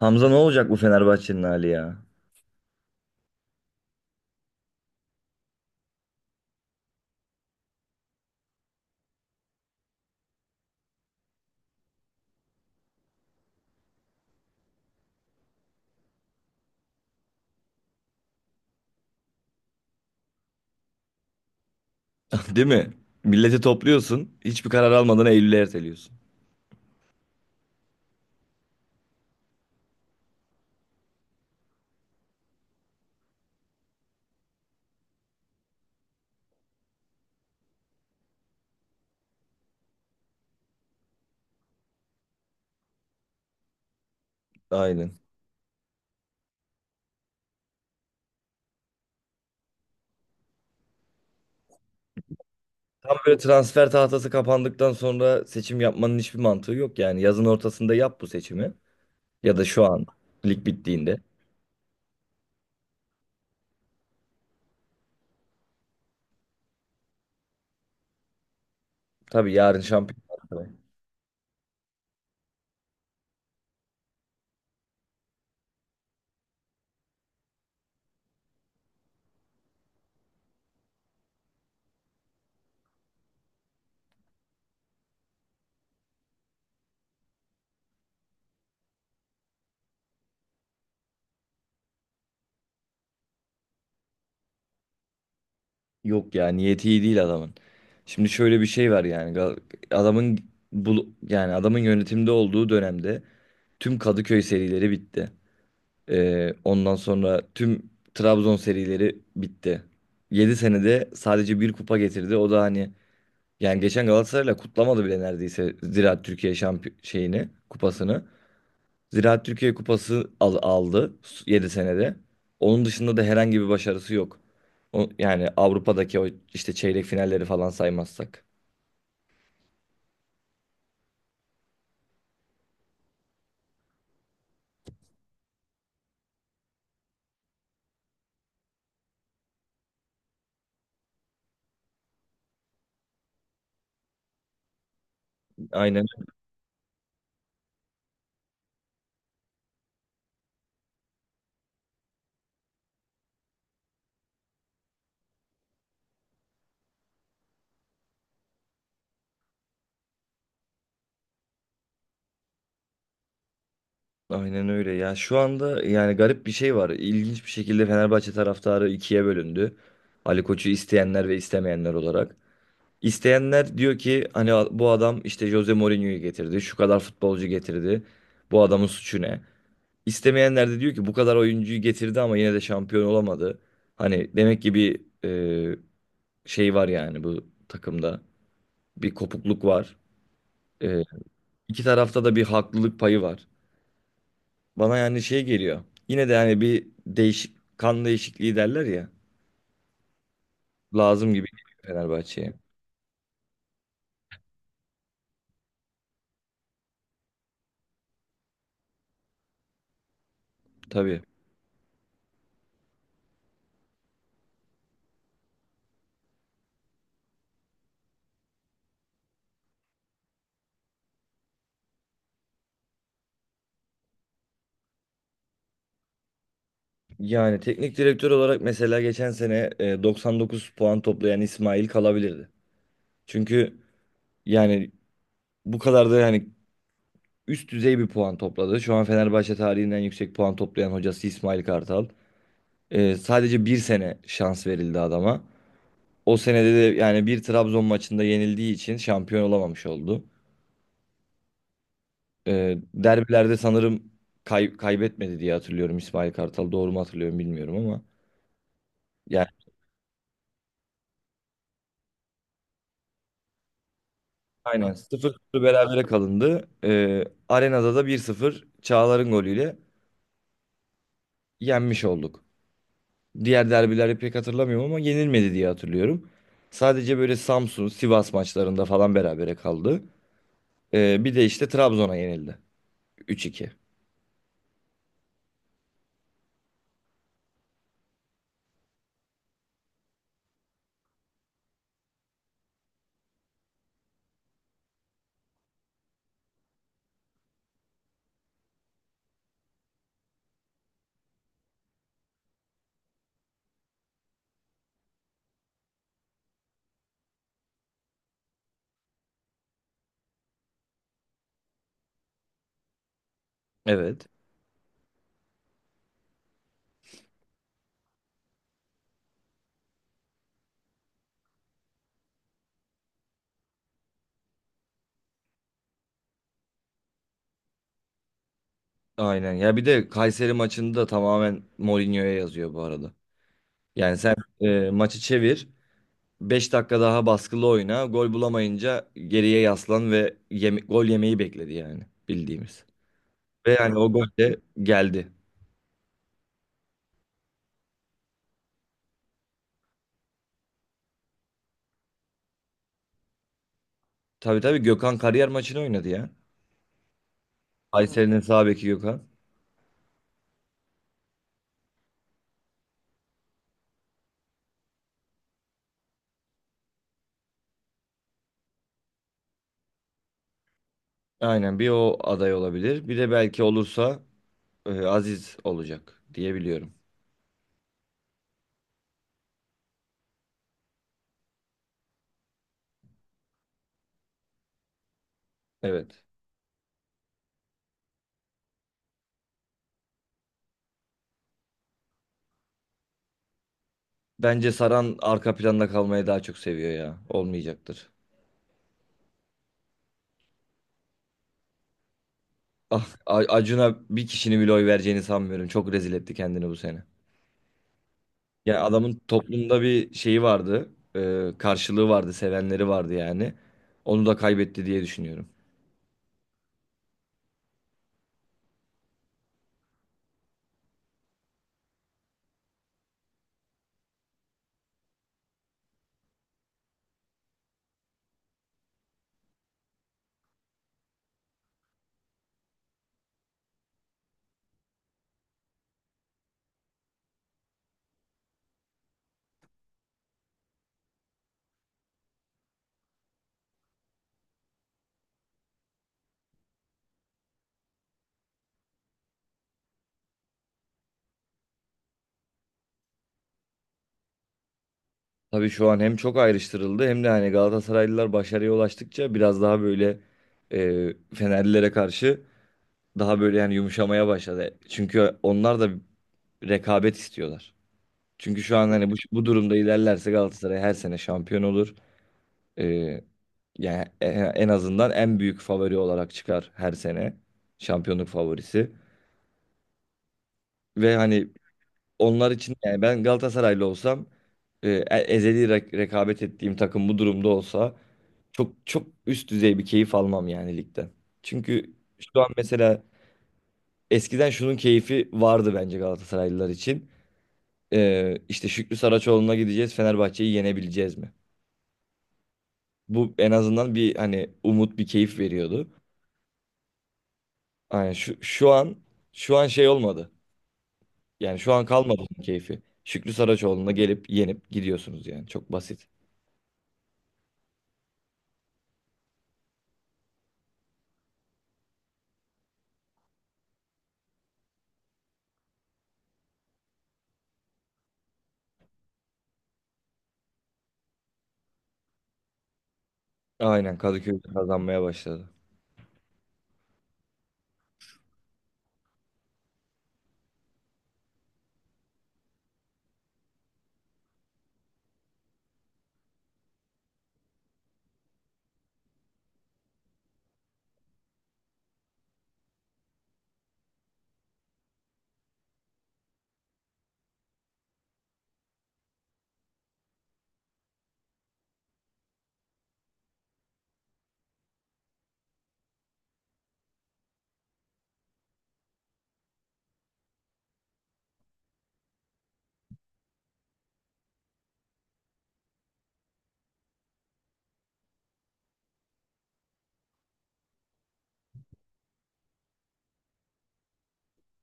Hamza, ne olacak bu Fenerbahçe'nin hali ya? Değil mi? Milleti topluyorsun, hiçbir karar almadan Eylül'e erteliyorsun. Aynen. Tam böyle transfer tahtası kapandıktan sonra seçim yapmanın hiçbir mantığı yok yani. Yazın ortasında yap bu seçimi. Ya da şu an lig bittiğinde. Tabii yarın şampiyon. Yok ya, niyeti iyi değil adamın. Şimdi şöyle bir şey var yani. Adamın, bu yani adamın yönetimde olduğu dönemde tüm Kadıköy serileri bitti. Ondan sonra tüm Trabzon serileri bitti. Yedi senede sadece bir kupa getirdi. O da hani, yani geçen Galatasaray'la kutlamadı bile neredeyse Ziraat Türkiye şampiyon şeyini, kupasını. Ziraat Türkiye kupası aldı 7 senede. Onun dışında da herhangi bir başarısı yok. O, yani Avrupa'daki o işte çeyrek finalleri falan saymazsak. Aynen Aynen öyle. Ya şu anda yani garip bir şey var. İlginç bir şekilde Fenerbahçe taraftarı ikiye bölündü. Ali Koç'u isteyenler ve istemeyenler olarak. İsteyenler diyor ki hani bu adam işte Jose Mourinho'yu getirdi. Şu kadar futbolcu getirdi. Bu adamın suçu ne? İstemeyenler de diyor ki bu kadar oyuncuyu getirdi ama yine de şampiyon olamadı. Hani demek ki şey var yani bu takımda. Bir kopukluk var. E, iki tarafta da bir haklılık payı var. Bana yani şey geliyor. Yine de hani bir değişik, kan değişikliği derler ya. Lazım gibi geliyor Fenerbahçe'ye. Tabii. Yani teknik direktör olarak mesela geçen sene 99 puan toplayan İsmail kalabilirdi. Çünkü yani bu kadar da yani üst düzey bir puan topladı. Şu an Fenerbahçe tarihinden yüksek puan toplayan hocası İsmail Kartal. Sadece bir sene şans verildi adama. O senede de yani bir Trabzon maçında yenildiği için şampiyon olamamış oldu. Derbilerde sanırım kaybetmedi diye hatırlıyorum, İsmail Kartal. Doğru mu hatırlıyorum bilmiyorum ama. Yani aynen, 0-0 berabere kalındı. Arenada da 1-0 Çağlar'ın golüyle yenmiş olduk. Diğer derbileri pek hatırlamıyorum ama yenilmedi diye hatırlıyorum. Sadece böyle Samsun, Sivas maçlarında falan berabere kaldı. Bir de işte Trabzon'a yenildi. 3-2. Evet. Aynen. Ya bir de Kayseri maçını da tamamen Mourinho'ya yazıyor bu arada. Yani sen maçı çevir. 5 dakika daha baskılı oyna. Gol bulamayınca geriye yaslan ve gol yemeyi bekledi yani, bildiğimiz. Ve yani o gol de geldi. Tabii tabii, Gökhan kariyer maçını oynadı ya. Kayseri'nin sağ beki Gökhan. Aynen, bir o aday olabilir. Bir de belki olursa Aziz olacak diye biliyorum. Evet. Bence Saran arka planda kalmayı daha çok seviyor ya. Olmayacaktır. Ah, Acun'a bir kişinin bile oy vereceğini sanmıyorum. Çok rezil etti kendini bu sene. Ya adamın toplumda bir şeyi vardı. Karşılığı vardı, sevenleri vardı yani. Onu da kaybetti diye düşünüyorum. Tabii şu an hem çok ayrıştırıldı, hem de hani Galatasaraylılar başarıya ulaştıkça biraz daha böyle Fenerlilere karşı daha böyle yani yumuşamaya başladı. Çünkü onlar da rekabet istiyorlar. Çünkü şu an hani bu durumda ilerlerse Galatasaray her sene şampiyon olur. E, Yani en, en azından en büyük favori olarak çıkar her sene. Şampiyonluk favorisi. Ve hani onlar için, yani ben Galatasaraylı olsam ezeli rekabet ettiğim takım bu durumda olsa çok çok üst düzey bir keyif almam yani ligden. Çünkü şu an mesela, eskiden şunun keyfi vardı bence Galatasaraylılar için. İşte Şükrü Saraçoğlu'na gideceğiz, Fenerbahçe'yi yenebileceğiz mi? Bu en azından bir hani umut, bir keyif veriyordu. Yani şu an, şu an şey olmadı. Yani şu an kalmadı onun keyfi. Şükrü Saraçoğlu'na gelip yenip gidiyorsunuz, yani çok basit. Aynen, Kadıköy'de kazanmaya başladı.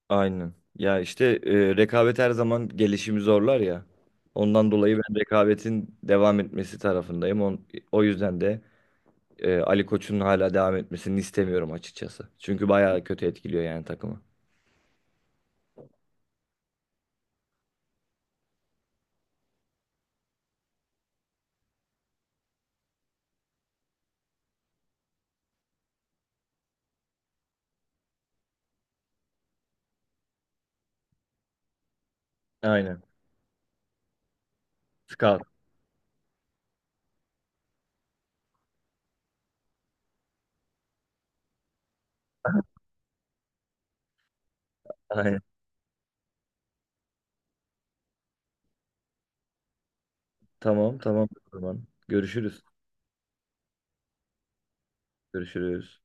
Aynen. Ya işte rekabet her zaman gelişimi zorlar ya. Ondan dolayı ben rekabetin devam etmesi tarafındayım. On, o yüzden de Ali Koç'un hala devam etmesini istemiyorum açıkçası. Çünkü bayağı kötü etkiliyor yani takımı. Aynen. Scout. Aynen. Tamam tamam, o zaman. Görüşürüz. Görüşürüz.